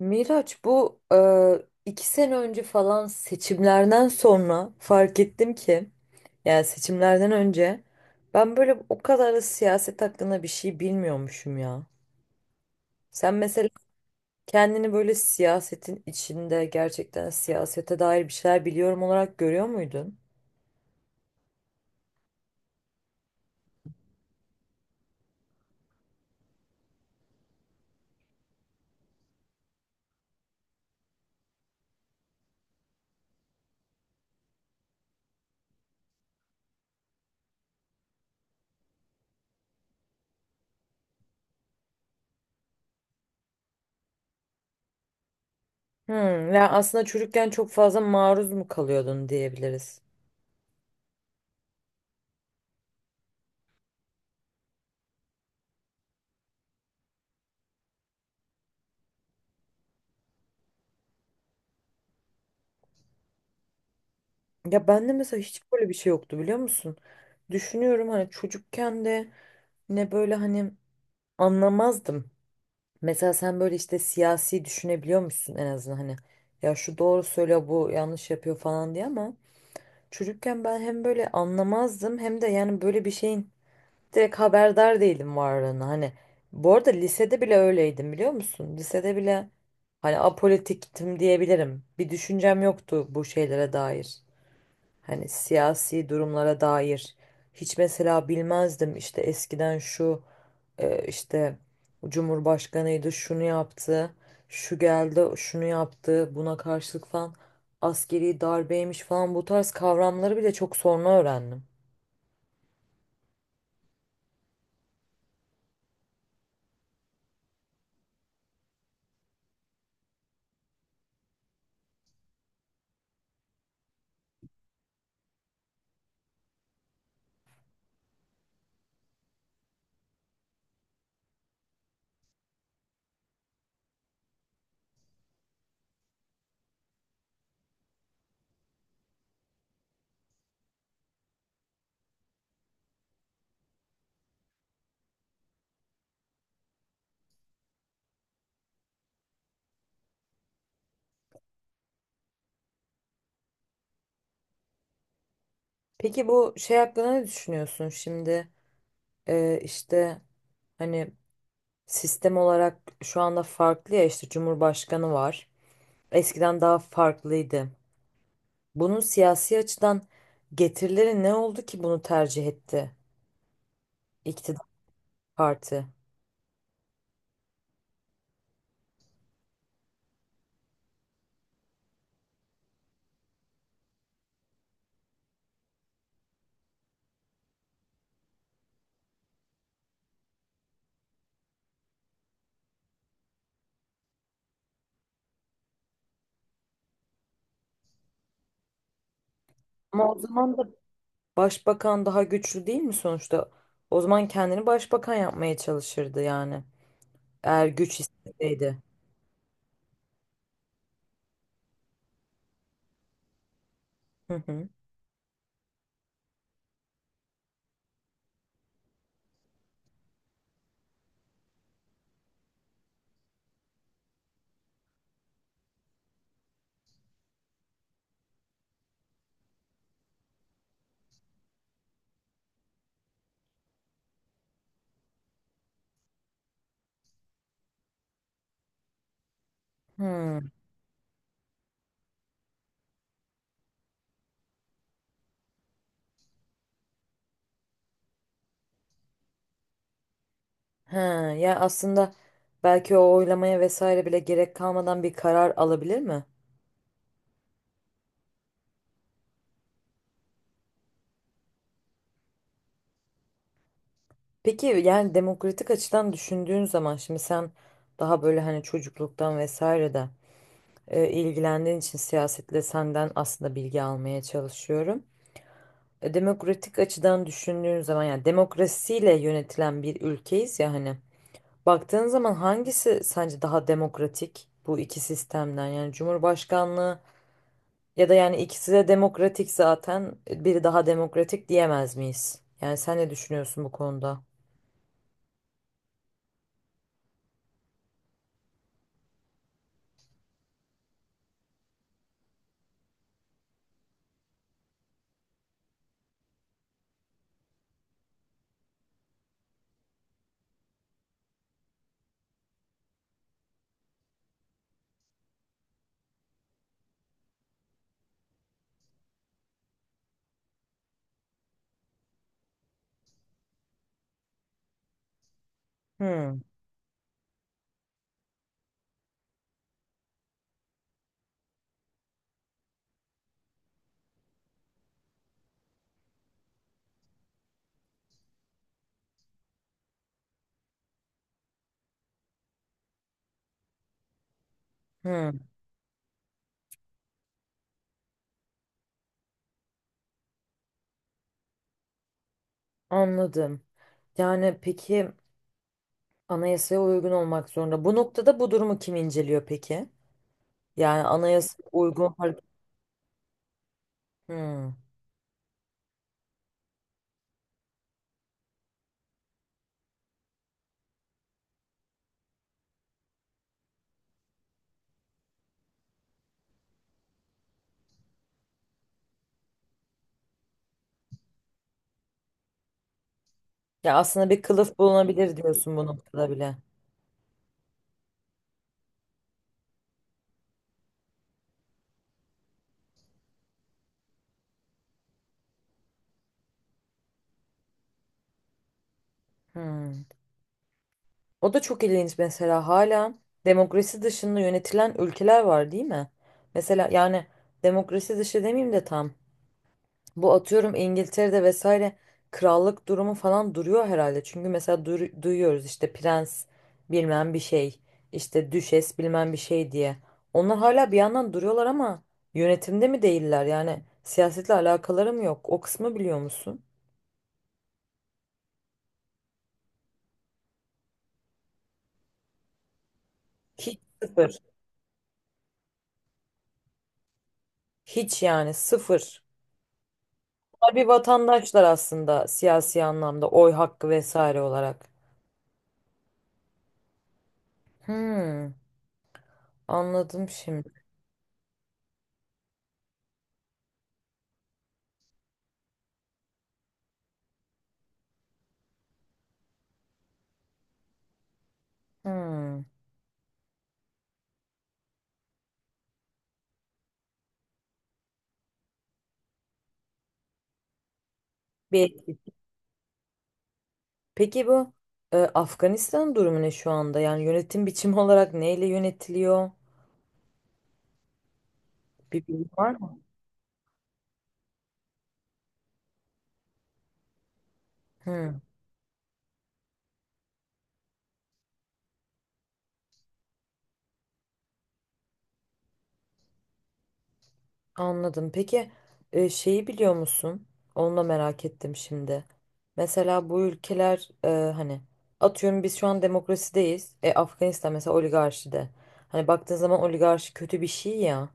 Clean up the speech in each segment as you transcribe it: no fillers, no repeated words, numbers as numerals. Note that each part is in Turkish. Miraç, bu iki sene önce falan seçimlerden sonra fark ettim ki yani seçimlerden önce ben böyle o kadar da siyaset hakkında bir şey bilmiyormuşum ya. Sen mesela kendini böyle siyasetin içinde gerçekten siyasete dair bir şeyler biliyorum olarak görüyor muydun? Hmm, yani aslında çocukken çok fazla maruz mu kalıyordun diyebiliriz. Ya bende mesela hiç böyle bir şey yoktu biliyor musun? Düşünüyorum, hani çocukken de ne böyle hani anlamazdım. Mesela sen böyle işte siyasi düşünebiliyor musun en azından, hani ya şu doğru söylüyor bu yanlış yapıyor falan diye, ama çocukken ben hem böyle anlamazdım hem de yani böyle bir şeyin direkt haberdar değilim varlığına hani. Bu arada lisede bile öyleydim biliyor musun? Lisede bile hani apolitiktim diyebilirim. Bir düşüncem yoktu bu şeylere dair. Hani siyasi durumlara dair hiç mesela bilmezdim, işte eskiden şu işte Cumhurbaşkanıydı şunu yaptı, şu geldi şunu yaptı buna karşılık falan, askeri darbeymiş falan, bu tarz kavramları bile çok sonra öğrendim. Peki bu şey hakkında ne düşünüyorsun şimdi, işte hani sistem olarak şu anda farklı ya, işte Cumhurbaşkanı var. Eskiden daha farklıydı. Bunun siyasi açıdan getirileri ne oldu ki bunu tercih etti iktidar parti? Ama o zaman da başbakan daha güçlü değil mi sonuçta? O zaman kendini başbakan yapmaya çalışırdı yani. Eğer güç isteseydi. Hı hı. Hı. He, ya aslında belki o oylamaya vesaire bile gerek kalmadan bir karar alabilir mi? Peki yani demokratik açıdan düşündüğün zaman şimdi sen daha böyle hani çocukluktan vesaire de ilgilendiğin için siyasetle, senden aslında bilgi almaya çalışıyorum. E, demokratik açıdan düşündüğün zaman yani demokrasiyle yönetilen bir ülkeyiz ya hani, baktığın zaman hangisi sence daha demokratik bu iki sistemden, yani Cumhurbaşkanlığı ya da, yani ikisi de demokratik zaten, biri daha demokratik diyemez miyiz? Yani sen ne düşünüyorsun bu konuda? Hmm. Hmm, anladım. Yani peki anayasaya uygun olmak zorunda. Bu noktada bu durumu kim inceliyor peki? Yani anayasaya uygun hareket. Hmm. Ya aslında bir kılıf bulunabilir diyorsun bu noktada bile. Hmm. O da çok ilginç mesela, hala demokrasi dışında yönetilen ülkeler var değil mi? Mesela yani demokrasi dışı demeyeyim de tam. Bu, atıyorum, İngiltere'de vesaire krallık durumu falan duruyor herhalde. Çünkü mesela duyuyoruz işte prens bilmem bir şey, işte düşes bilmem bir şey diye. Onlar hala bir yandan duruyorlar ama yönetimde mi değiller? Yani siyasetle alakaları mı yok? O kısmı biliyor musun? Hiç, sıfır. Hiç, yani sıfır. Bunlar bir vatandaşlar aslında siyasi anlamda, oy hakkı vesaire olarak. Hmm, anladım şimdi. Hmm. Bir, peki bu Afganistan durumu ne şu anda? Yani yönetim biçimi olarak neyle yönetiliyor? Bir bilgi var mı? Hı, anladım. Peki şeyi biliyor musun? Onu da merak ettim şimdi. Mesela bu ülkeler, hani atıyorum biz şu an demokrasideyiz. E, Afganistan mesela oligarşide. Hani baktığın zaman oligarşi kötü bir şey ya.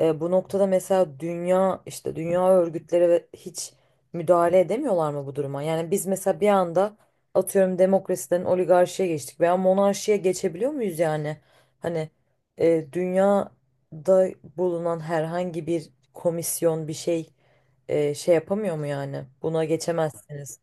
E, bu noktada mesela dünya, işte dünya örgütleri ve hiç müdahale edemiyorlar mı bu duruma? Yani biz mesela bir anda, atıyorum, demokrasiden oligarşiye geçtik veya monarşiye geçebiliyor muyuz yani? Hani dünyada bulunan herhangi bir komisyon bir şey şey yapamıyor mu yani? Buna geçemezsiniz.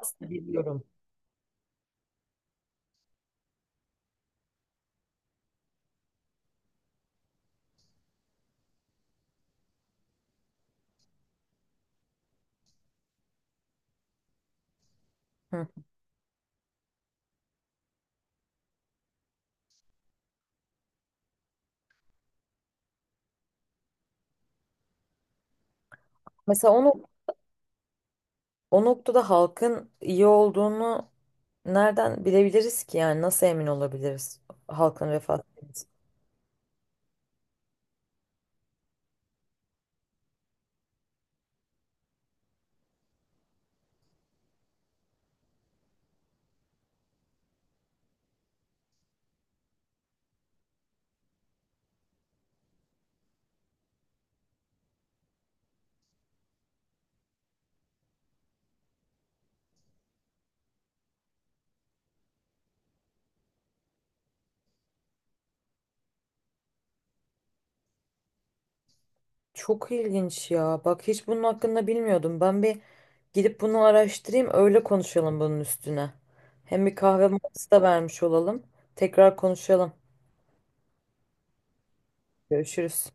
Aslında biliyorum. Hı. Mesela onu, o noktada halkın iyi olduğunu nereden bilebiliriz ki, yani nasıl emin olabiliriz halkın refah seviyesi? Çok ilginç ya. Bak hiç bunun hakkında bilmiyordum. Ben bir gidip bunu araştırayım, öyle konuşalım bunun üstüne. Hem bir kahve molası da vermiş olalım. Tekrar konuşalım. Görüşürüz.